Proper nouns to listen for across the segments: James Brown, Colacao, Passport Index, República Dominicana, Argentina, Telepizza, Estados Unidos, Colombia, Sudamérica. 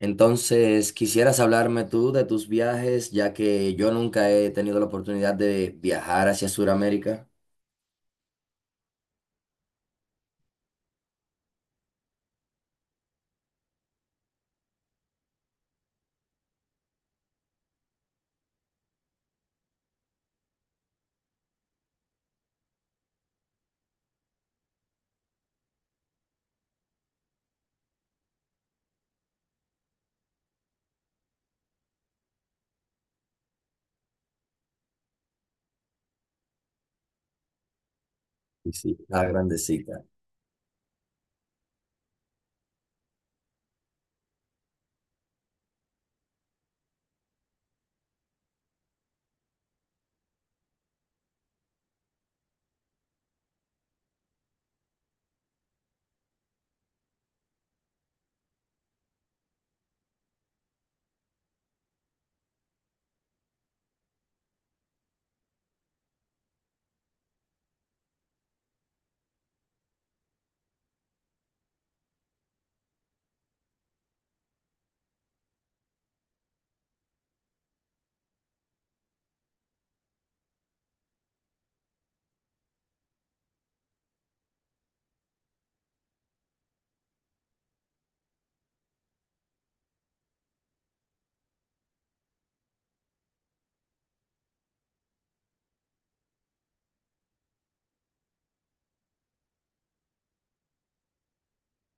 Entonces, quisieras hablarme tú de tus viajes, ya que yo nunca he tenido la oportunidad de viajar hacia Sudamérica. Y sí, ah, claro. Grandecita.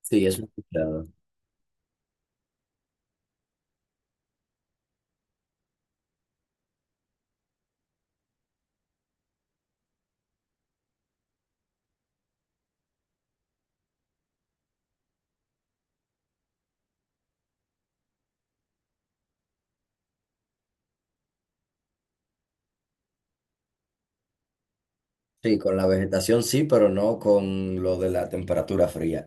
Sí, eso he escuchado. Sí, con la vegetación sí, pero no con lo de la temperatura fría.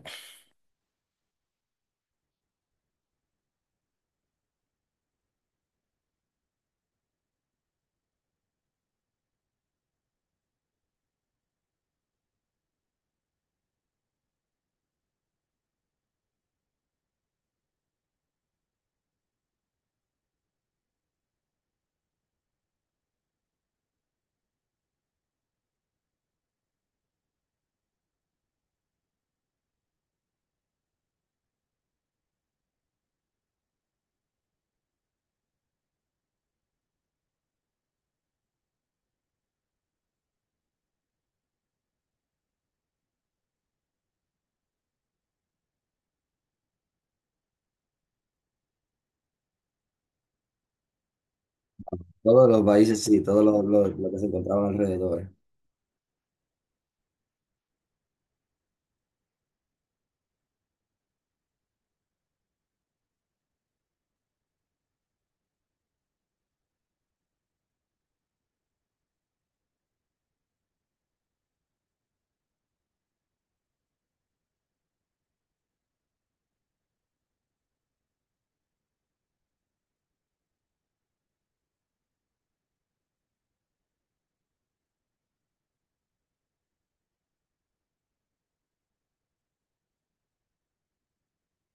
Todos los países sí, todos los que se encontraban alrededor.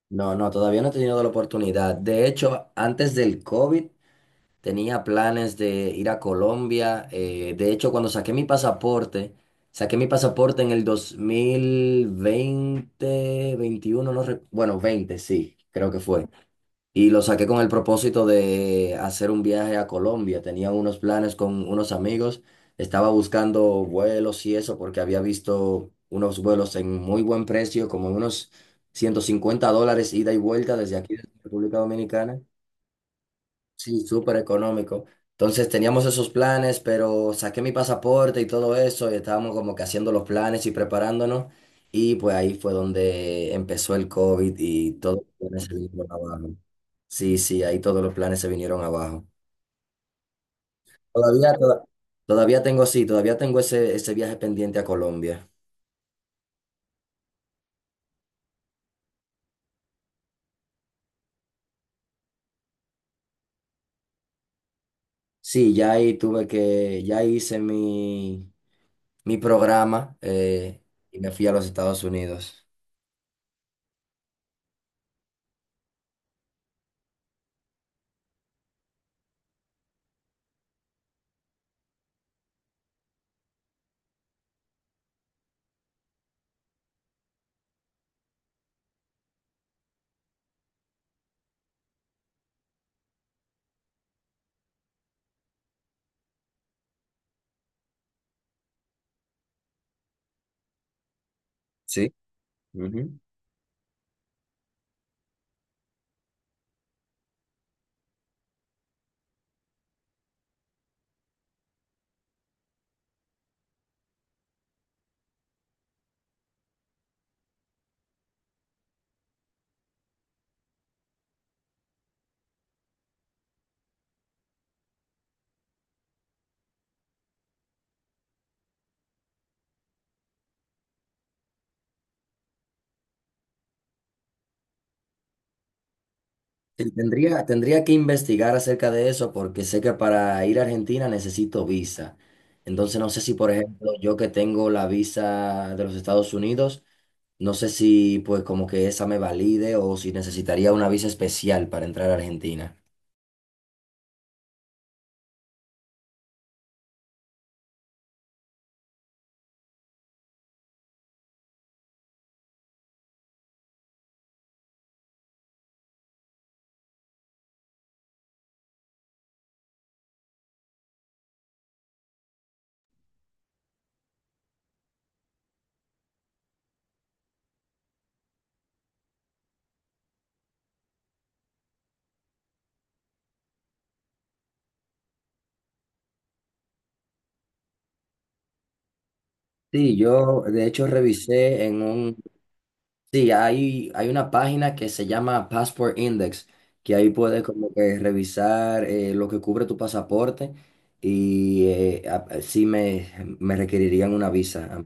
No, no, todavía no he tenido la oportunidad. De hecho, antes del COVID tenía planes de ir a Colombia. De hecho, cuando saqué mi pasaporte, en el 2020, 21, no recu- bueno, 20, sí, creo que fue. Y lo saqué con el propósito de hacer un viaje a Colombia. Tenía unos planes con unos amigos. Estaba buscando vuelos y eso porque había visto unos vuelos en muy buen precio, como unos $150 ida y vuelta desde aquí, desde República Dominicana. Sí, súper económico. Entonces teníamos esos planes, pero saqué mi pasaporte y todo eso, y estábamos como que haciendo los planes y preparándonos. Y pues ahí fue donde empezó el COVID y todos los planes se vinieron abajo. Sí, sí, ahí todos los planes se vinieron abajo. Todavía, todavía tengo, sí, todavía tengo ese, ese viaje pendiente a Colombia. Sí, ya ahí tuve que, ya hice mi, programa, y me fui a los Estados Unidos. Sí. Sí, tendría que investigar acerca de eso porque sé que para ir a Argentina necesito visa. Entonces no sé si, por ejemplo, yo que tengo la visa de los Estados Unidos, no sé si pues como que esa me valide o si necesitaría una visa especial para entrar a Argentina. Sí, yo de hecho revisé en un. Sí, hay una página que se llama Passport Index, que ahí puedes como que revisar lo que cubre tu pasaporte y sí me, requerirían una visa.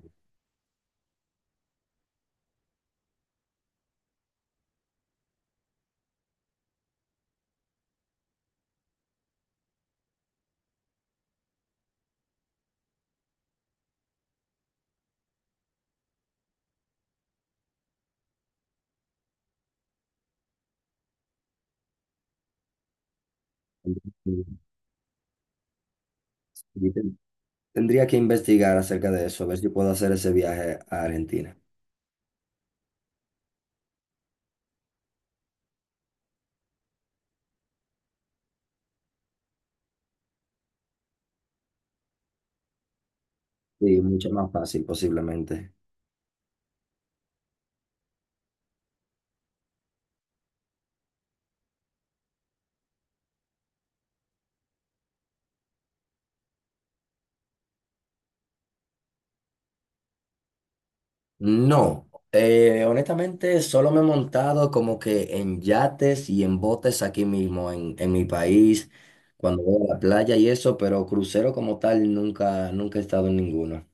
Y ten- tendría que investigar acerca de eso, a ver si puedo hacer ese viaje a Argentina. Sí, mucho más fácil posiblemente. No, honestamente solo me he montado como que en yates y en botes aquí mismo en, mi país, cuando voy a la playa y eso, pero crucero como tal nunca, nunca he estado en ninguno.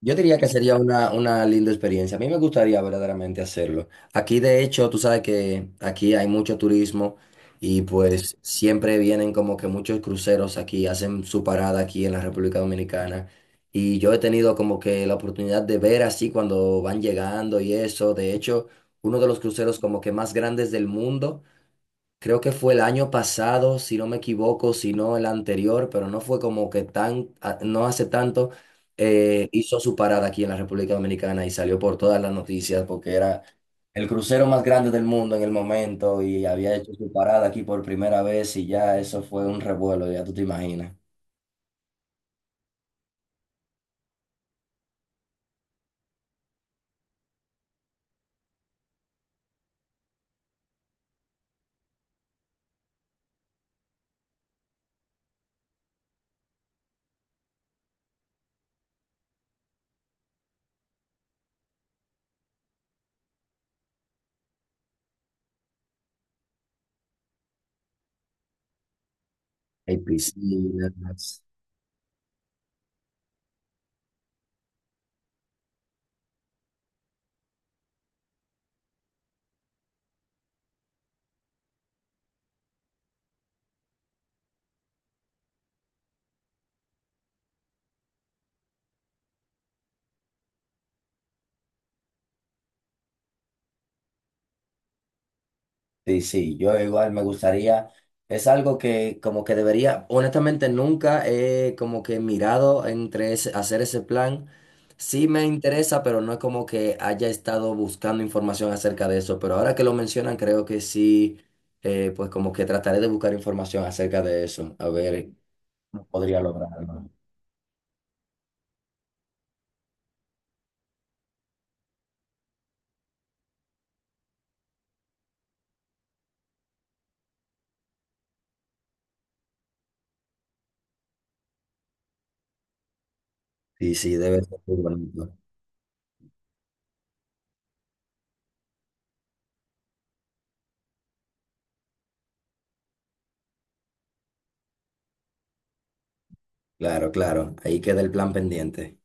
Yo diría que sería una, linda experiencia. A mí me gustaría verdaderamente hacerlo. Aquí, de hecho, tú sabes que aquí hay mucho turismo y pues siempre vienen como que muchos cruceros aquí, hacen su parada aquí en la República Dominicana. Y yo he tenido como que la oportunidad de ver así cuando van llegando y eso. De hecho, uno de los cruceros como que más grandes del mundo. Creo que fue el año pasado, si no me equivoco, si no el anterior, pero no fue como que tan, no hace tanto, hizo su parada aquí en la República Dominicana y salió por todas las noticias porque era el crucero más grande del mundo en el momento y había hecho su parada aquí por primera vez y ya eso fue un revuelo, ya tú te imaginas. Hay piscinas. Sí, sí, yo igual me gustaría, es algo que como que debería, honestamente nunca he como que mirado entre hacer ese plan. Sí me interesa, pero no es como que haya estado buscando información acerca de eso, pero ahora que lo mencionan creo que sí, pues como que trataré de buscar información acerca de eso, a ver cómo podría lograrlo. Sí, sí, debe ser muy bonito. Claro, claro, ahí queda el plan pendiente.